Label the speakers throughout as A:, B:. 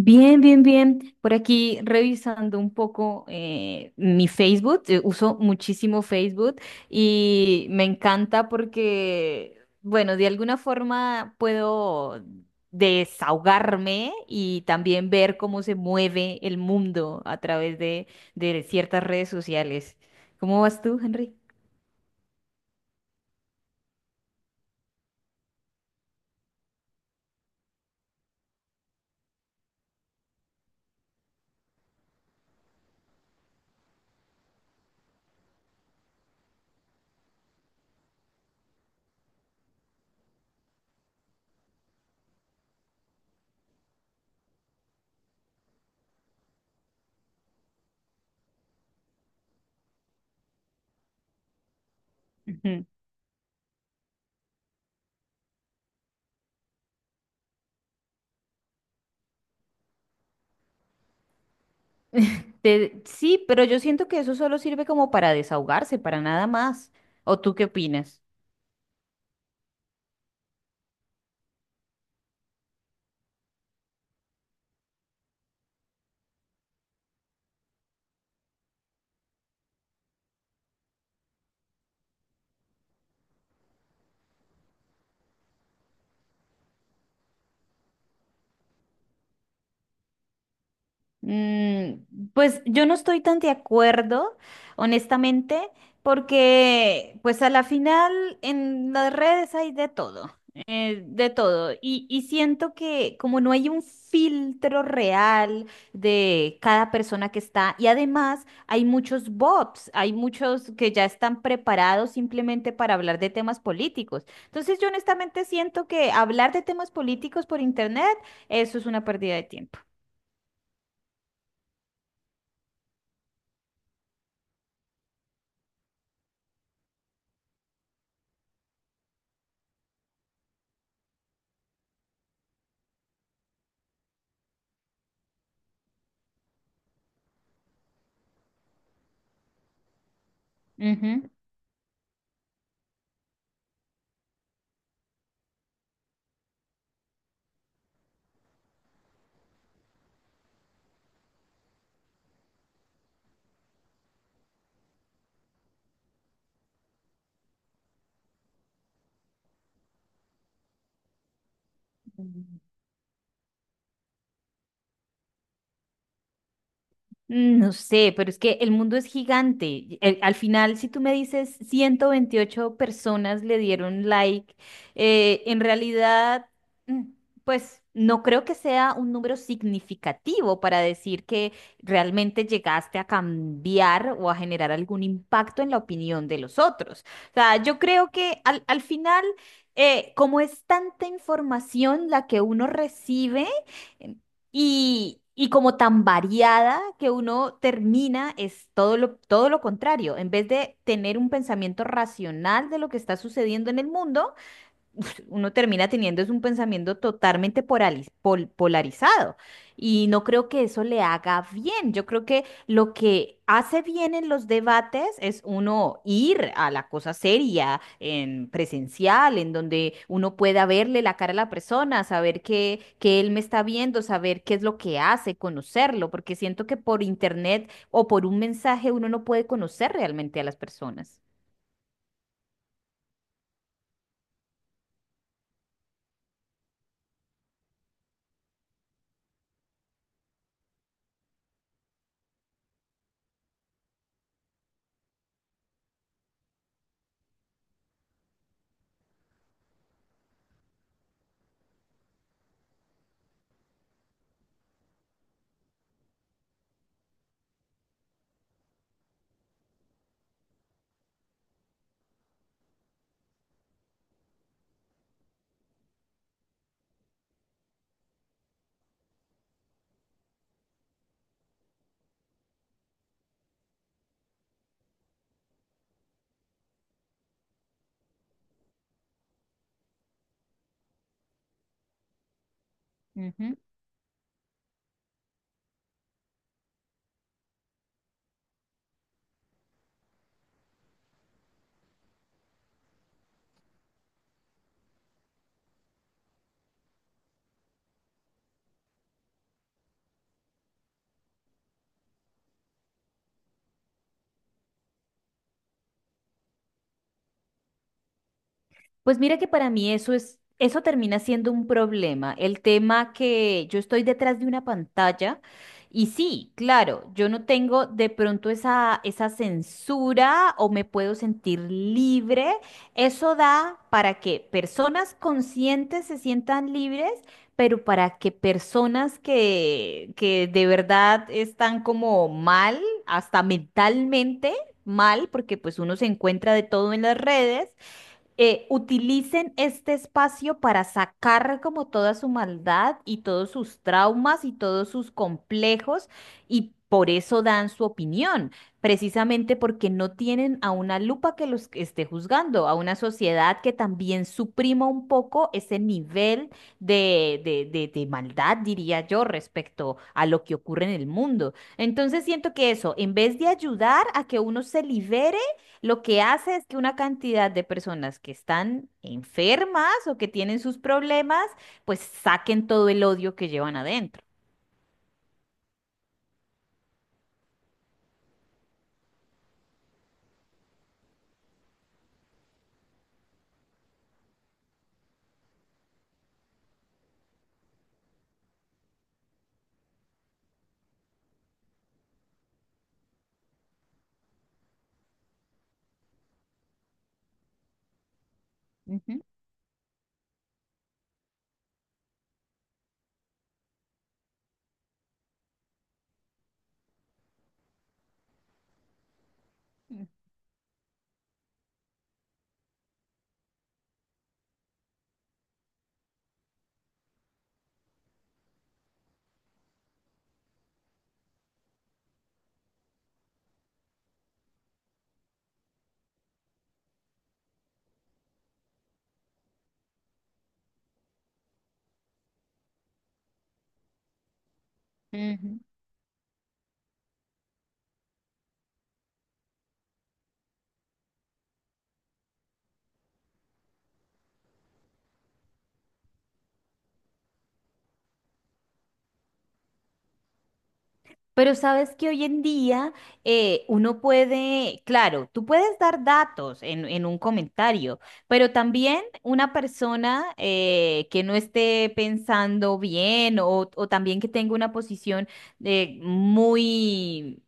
A: Bien, bien, bien. Por aquí revisando un poco mi Facebook. Uso muchísimo Facebook y me encanta porque, bueno, de alguna forma puedo desahogarme y también ver cómo se mueve el mundo a través de ciertas redes sociales. ¿Cómo vas tú, Henry? Ujú. Sí, pero yo siento que eso solo sirve como para desahogarse, para nada más. ¿O tú qué opinas? Mm, pues yo no estoy tan de acuerdo, honestamente, porque pues a la final en las redes hay de todo, de todo. Y siento que como no hay un filtro real de cada persona que está, y además hay muchos bots, hay muchos que ya están preparados simplemente para hablar de temas políticos. Entonces yo honestamente siento que hablar de temas políticos por internet, eso es una pérdida de tiempo. Mm, no sé, pero es que el mundo es gigante. Y, al final, si tú me dices 128 personas le dieron like, en realidad, mm, pues no creo que sea un número significativo para decir que realmente llegaste a cambiar o a generar algún impacto en la opinión de los otros. O sea, yo creo que al final, como es tanta información la que uno recibe, y como tan variada que uno termina es todo lo contrario. En vez de tener un pensamiento racional de lo que está sucediendo en el mundo, uf, uno termina teniendo es un pensamiento totalmente polarizado y no creo que eso le haga bien. Yo creo que lo que hace bien en los debates es uno ir a la cosa seria, en presencial, en donde uno pueda verle la cara a la persona, saber que él me está viendo, saber qué es lo que hace, conocerlo, porque siento que por internet o por un mensaje uno no puede conocer realmente a las personas. Pues mira que para mí eso es, eso termina siendo un problema. El tema que yo estoy detrás de una pantalla y sí, claro, yo no tengo de pronto esa censura o me puedo sentir libre. Eso da para que personas conscientes se sientan libres, pero para que personas que de verdad están como mal, hasta mentalmente mal, porque pues uno se encuentra de todo en las redes utilicen este espacio para sacar como toda su maldad y todos sus traumas y todos sus complejos y por eso dan su opinión, precisamente porque no tienen a una lupa que los esté juzgando, a una sociedad que también suprima un poco ese nivel de maldad, diría yo, respecto a lo que ocurre en el mundo. Entonces siento que eso, en vez de ayudar a que uno se libere, lo que hace es que una cantidad de personas que están enfermas o que tienen sus problemas, pues saquen todo el odio que llevan adentro. Ujú, ujú. Pero sabes que hoy en día uno puede, claro, tú puedes dar datos en un comentario, pero también una persona que no esté pensando bien o también que tenga una posición de muy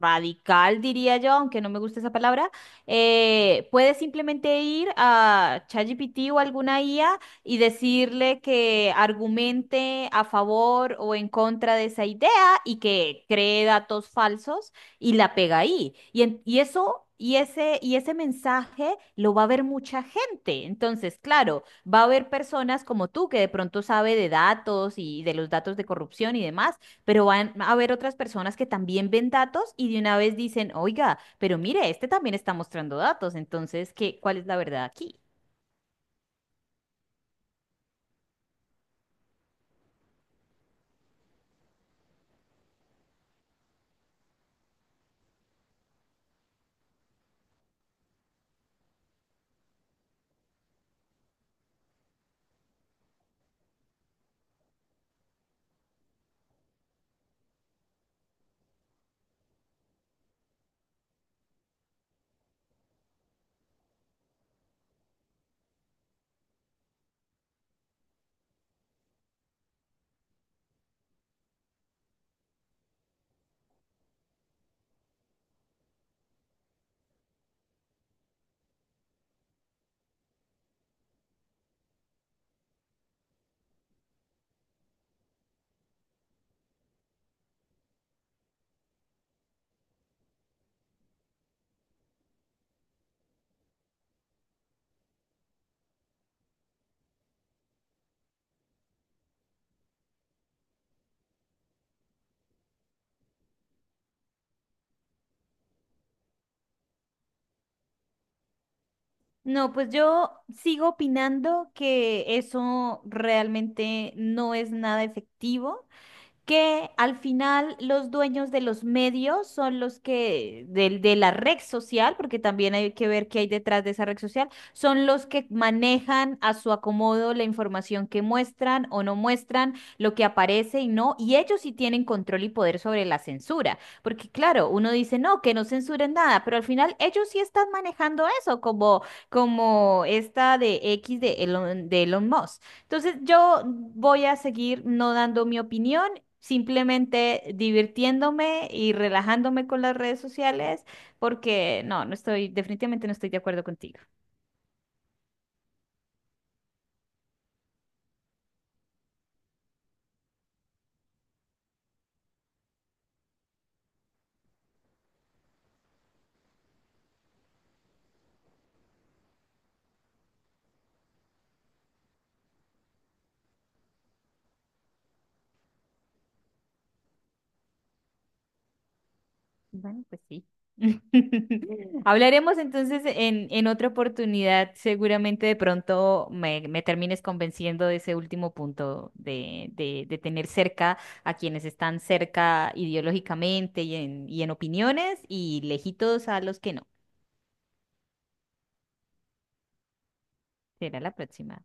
A: radical, diría yo, aunque no me gusta esa palabra, puede simplemente ir a ChatGPT o alguna IA y decirle que argumente a favor o en contra de esa idea y que cree datos falsos y la pega ahí. Y ese mensaje lo va a ver mucha gente. Entonces, claro, va a haber personas como tú que de pronto sabe de datos y de los datos de corrupción y demás, pero van a haber otras personas que también ven datos y de una vez dicen, oiga, pero mire, este también está mostrando datos, entonces, ¿qué, cuál es la verdad aquí? No, pues yo sigo opinando que eso realmente no es nada efectivo, que al final los dueños de los medios son los que, del de la red social, porque también hay que ver qué hay detrás de esa red social, son los que manejan a su acomodo la información que muestran o no muestran, lo que aparece y no, y ellos sí tienen control y poder sobre la censura, porque claro, uno dice, no, que no censuren nada, pero al final ellos sí están manejando eso, como esta de X de Elon Musk. Entonces yo voy a seguir no dando mi opinión, simplemente divirtiéndome y relajándome con las redes sociales, porque no, no estoy, definitivamente no estoy de acuerdo contigo. Bueno, pues sí. Hablaremos entonces en otra oportunidad. Seguramente de pronto me termines convenciendo de ese último punto de tener cerca a quienes están cerca ideológicamente y en opiniones y lejitos a los que no. Será la próxima.